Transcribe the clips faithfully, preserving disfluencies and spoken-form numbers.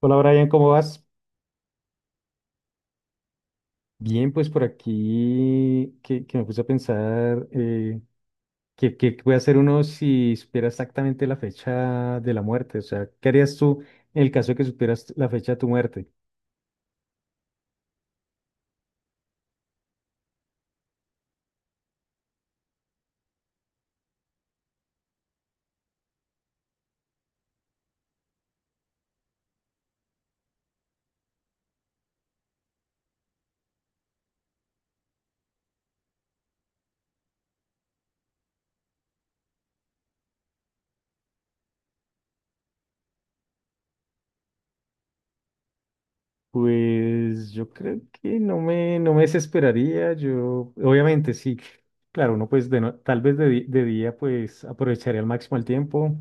Hola Brian, ¿cómo vas? Bien, pues por aquí que, que me puse a pensar eh, qué qué puede hacer uno si supiera exactamente la fecha de la muerte. O sea, ¿qué harías tú en el caso de que supieras la fecha de tu muerte? Pues yo creo que no me, no me desesperaría. Yo, obviamente, sí. Claro, uno pues de no- tal vez de, di- de día pues aprovecharía al máximo el tiempo.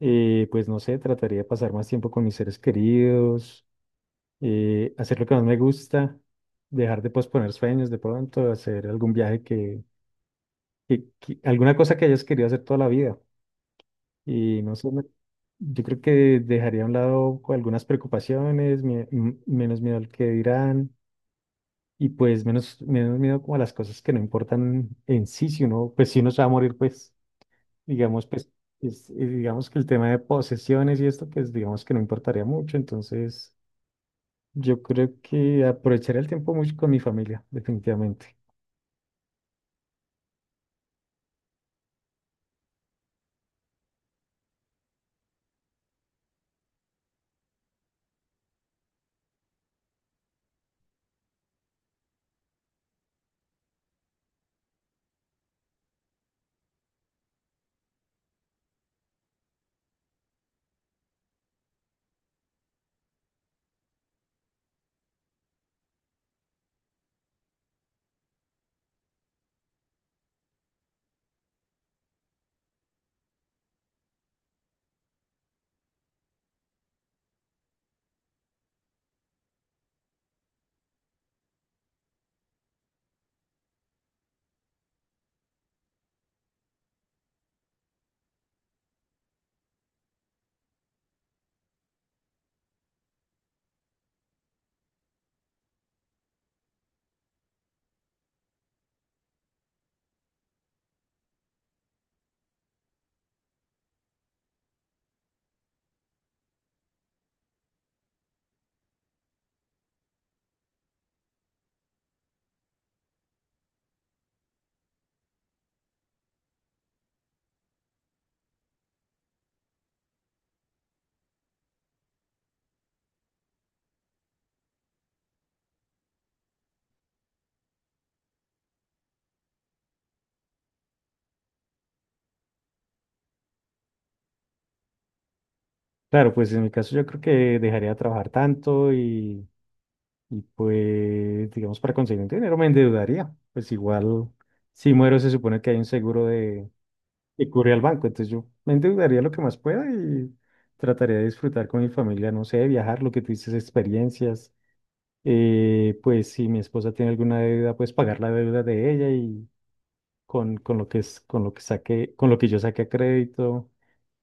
eh, Pues no sé, trataría de pasar más tiempo con mis seres queridos, eh, hacer lo que más me gusta, dejar de posponer sueños de pronto, hacer algún viaje que, que- que- alguna cosa que hayas querido hacer toda la vida. Y no sé, me- yo creo que dejaría a un lado co- algunas preocupaciones, mie- m- menos miedo al que dirán y pues menos, menos miedo como a las cosas que no importan en sí, si uno, pues si uno se va a morir, pues digamos, pues es- eh, digamos que el tema de posesiones y esto, pues digamos que no importaría mucho, entonces... Yo creo que aprovecharé el tiempo mucho con mi familia, definitivamente. Claro, pues en mi caso yo creo que dejaría de trabajar tanto, y, y pues, digamos, para conseguir un dinero me endeudaría. Pues igual, si muero se supone que hay un seguro de que cubre al banco, entonces yo me endeudaría lo que más pueda y trataría de disfrutar con mi familia, no sé, viajar, lo que tú dices, experiencias. Eh, pues si mi esposa tiene alguna deuda, pues pagar la deuda de ella y con, con lo que es, con lo que saque, con lo que yo saque a crédito.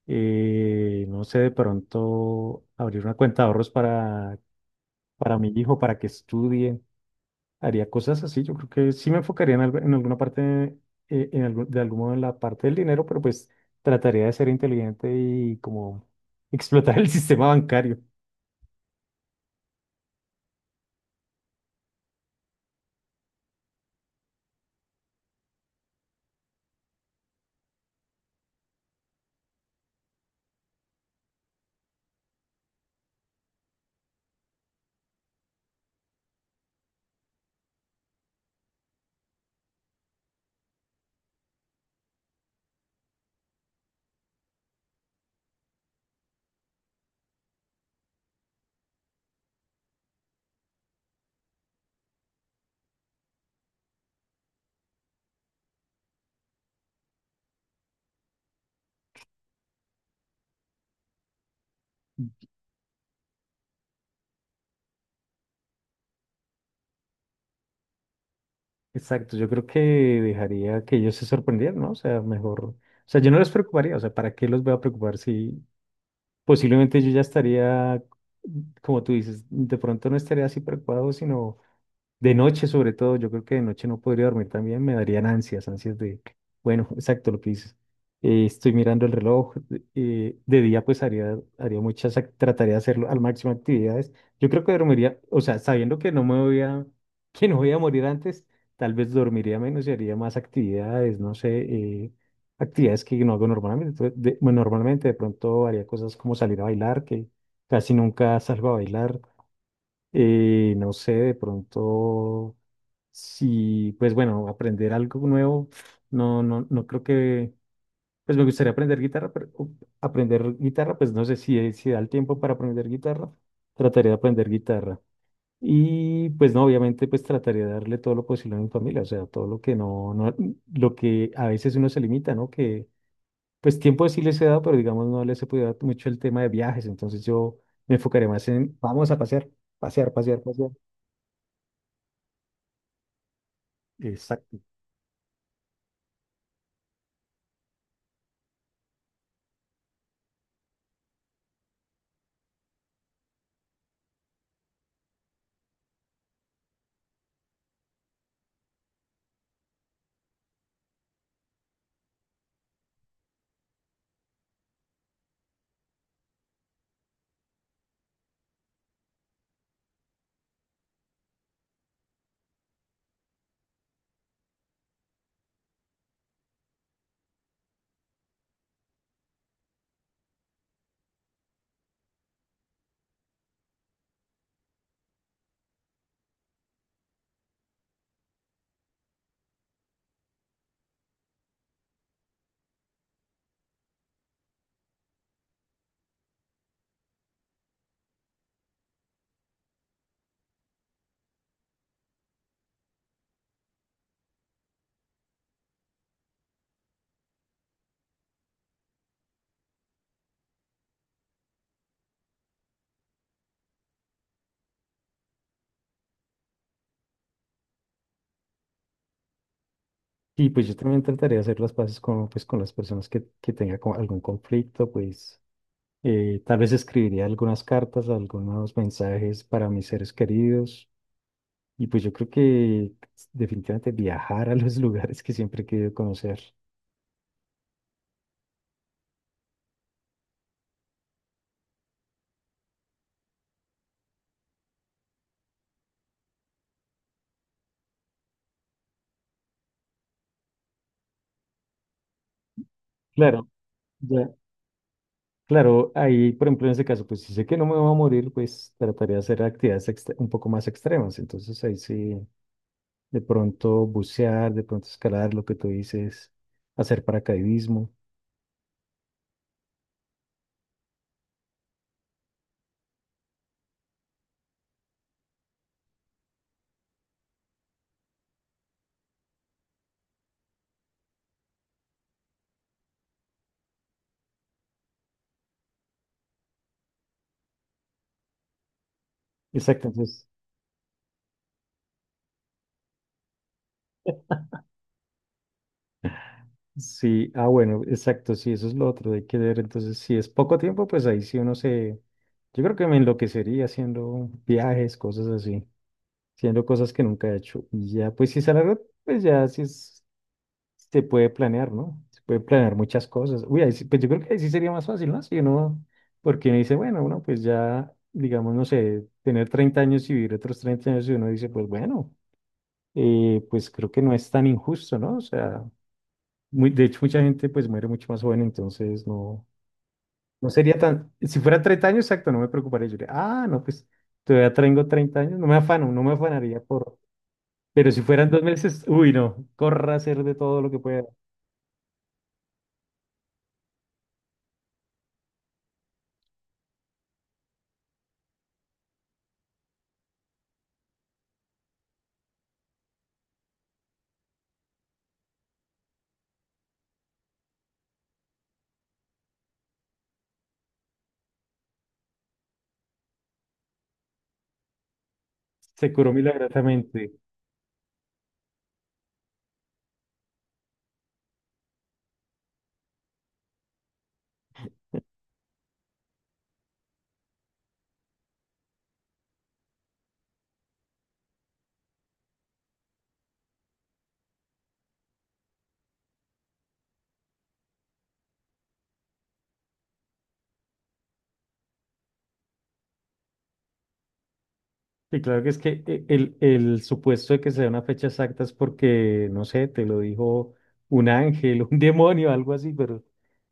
eh, No sé, de pronto abrir una cuenta de ahorros para, para mi hijo, para que estudie. Haría cosas así. Yo creo que sí me enfocaría en, algo- en alguna parte, eh, en algún- de algún modo en la parte del dinero, pero pues trataría de ser inteligente y como explotar el sistema bancario. Exacto, yo creo que dejaría que ellos se sorprendieran, ¿no? O sea, mejor. O sea, yo no les preocuparía, o sea, ¿para qué los voy a preocupar si posiblemente yo ya estaría, como tú dices, de pronto no estaría así preocupado, sino de noche, sobre todo, yo creo que de noche no podría dormir también, me darían ansias, ansias de, bueno, exacto lo que dices. Eh, estoy mirando el reloj. Eh, de día pues haría, haría muchas, ac- trataría de hacerlo al máximo actividades. Yo creo que dormiría, o sea, sabiendo que no me voy a, que no voy a morir antes, tal vez dormiría menos y haría más actividades, no sé, eh, actividades que no hago normalmente. Entonces, de- bueno, normalmente de pronto haría cosas como salir a bailar, que casi nunca salgo a bailar. Eh, no sé, de pronto sí, pues bueno, aprender algo nuevo, no, no, no creo que, pues me gustaría aprender guitarra, pero uh, aprender guitarra, pues no sé si, eh, si da el tiempo para aprender guitarra, trataría de aprender guitarra. Y pues no, obviamente pues trataría de darle todo lo posible a mi familia, o sea, todo lo que no, no, lo que a veces uno se limita, ¿no? Que pues tiempo sí les he dado, pero digamos no les he podido dar mucho el tema de viajes, entonces yo me enfocaré más en, vamos a pasear, pasear, pasear, pasear. Exacto. Y pues yo también intentaría hacer las paces con, pues, con las personas que, que tenga como algún conflicto, pues eh, tal vez escribiría algunas cartas, algunos mensajes para mis seres queridos. Y pues yo creo que definitivamente viajar a los lugares que siempre he querido conocer. Claro, ya, claro, ahí por ejemplo en ese caso, pues si sé que no me voy a morir, pues trataría de hacer actividades extre- un poco más extremas. Entonces ahí sí, de pronto bucear, de pronto escalar, lo que tú dices, hacer paracaidismo. Exacto, entonces sí, ah, bueno, exacto, sí, eso es lo otro, hay que ver. Entonces, si es poco tiempo, pues ahí sí uno se... Yo creo que me enloquecería haciendo viajes, cosas así, haciendo cosas que nunca he hecho. Y ya, pues si es a largo, pues ya sí es- se puede planear, ¿no? Se puede planear muchas cosas. Uy, ahí sí, pues yo creo que ahí sí sería más fácil, ¿no? Si uno, porque uno dice, bueno, uno pues ya, digamos, no sé, tener treinta años y vivir otros treinta años, y uno dice, pues bueno, eh, pues creo que no es tan injusto, ¿no? O sea. Muy, de hecho, mucha gente pues muere mucho más joven, entonces no, no sería tan... Si fuera treinta años, exacto, no me preocuparía. Yo diría, ah, no, pues todavía tengo treinta años, no me afano, no me afanaría por... Pero si fueran dos meses, uy, no, corra a hacer de todo lo que pueda. Se curó milagrosamente. Y claro que es que e- el, el supuesto de que sea una fecha exacta es porque, no sé, te lo dijo un ángel, un demonio, algo así, pero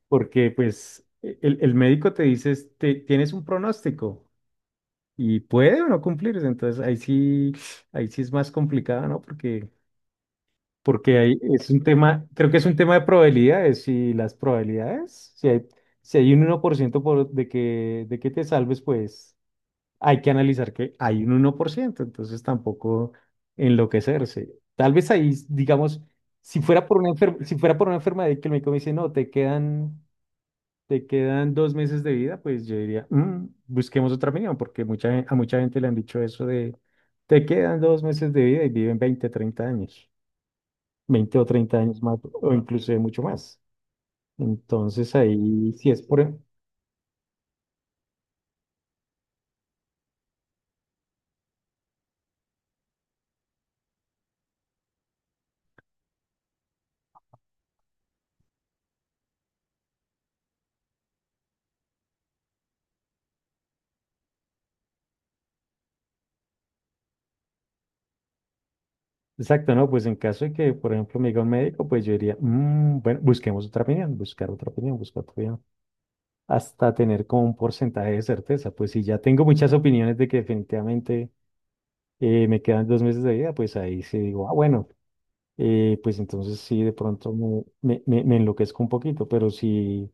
porque pues e, el, el médico te dice: "Este, tienes un pronóstico y puede o no cumplirse". Entonces ahí sí, ahí sí es más complicado, ¿no? Porque, porque ahí es un tema, creo que es un tema de probabilidades y las probabilidades, si hay, si hay un uno por, ciento por de que, de que te salves, pues hay que analizar que hay un uno por ciento, entonces tampoco enloquecerse. Tal vez ahí, digamos, si fuera por una enfer- si fuera por una enfermedad y que el médico me dice, no, te quedan te quedan dos meses de vida, pues yo diría: "Mm, busquemos otra opinión", porque mucha, gen- a mucha gente le han dicho eso de, te quedan dos meses de vida y viven veinte treinta años, veinte o treinta años más, o inclusive mucho más. Entonces ahí, si es por... e- Exacto, ¿no? Pues en caso de que, por ejemplo, me diga un médico, pues yo diría: "Mm, bueno, busquemos otra opinión, buscar otra opinión, buscar otra opinión, hasta tener como un porcentaje de certeza". Pues si ya tengo muchas opiniones de que definitivamente eh, me quedan dos meses de vida, pues ahí sí digo, ah, bueno, eh, pues entonces sí, de pronto me, me, me- me enloquezco un poquito, pero si,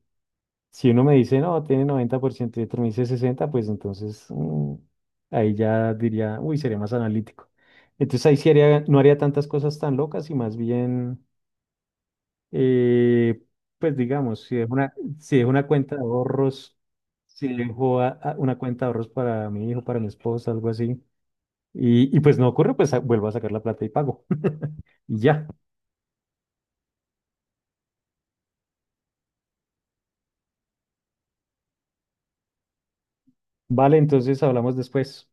si uno me dice, no, tiene noventa por ciento y otro me dice sesenta, pues entonces mm, ahí ya diría, uy, sería más analítico. Entonces ahí sí haría, no haría tantas cosas tan locas y más bien, eh, pues digamos, si dejo una, si dejo una cuenta de ahorros, si dejo a- a- una cuenta de ahorros para mi hijo, para mi esposa, algo así, y, y pues no ocurre, pues a- vuelvo a sacar la plata y pago. Y ya, vale, entonces hablamos después.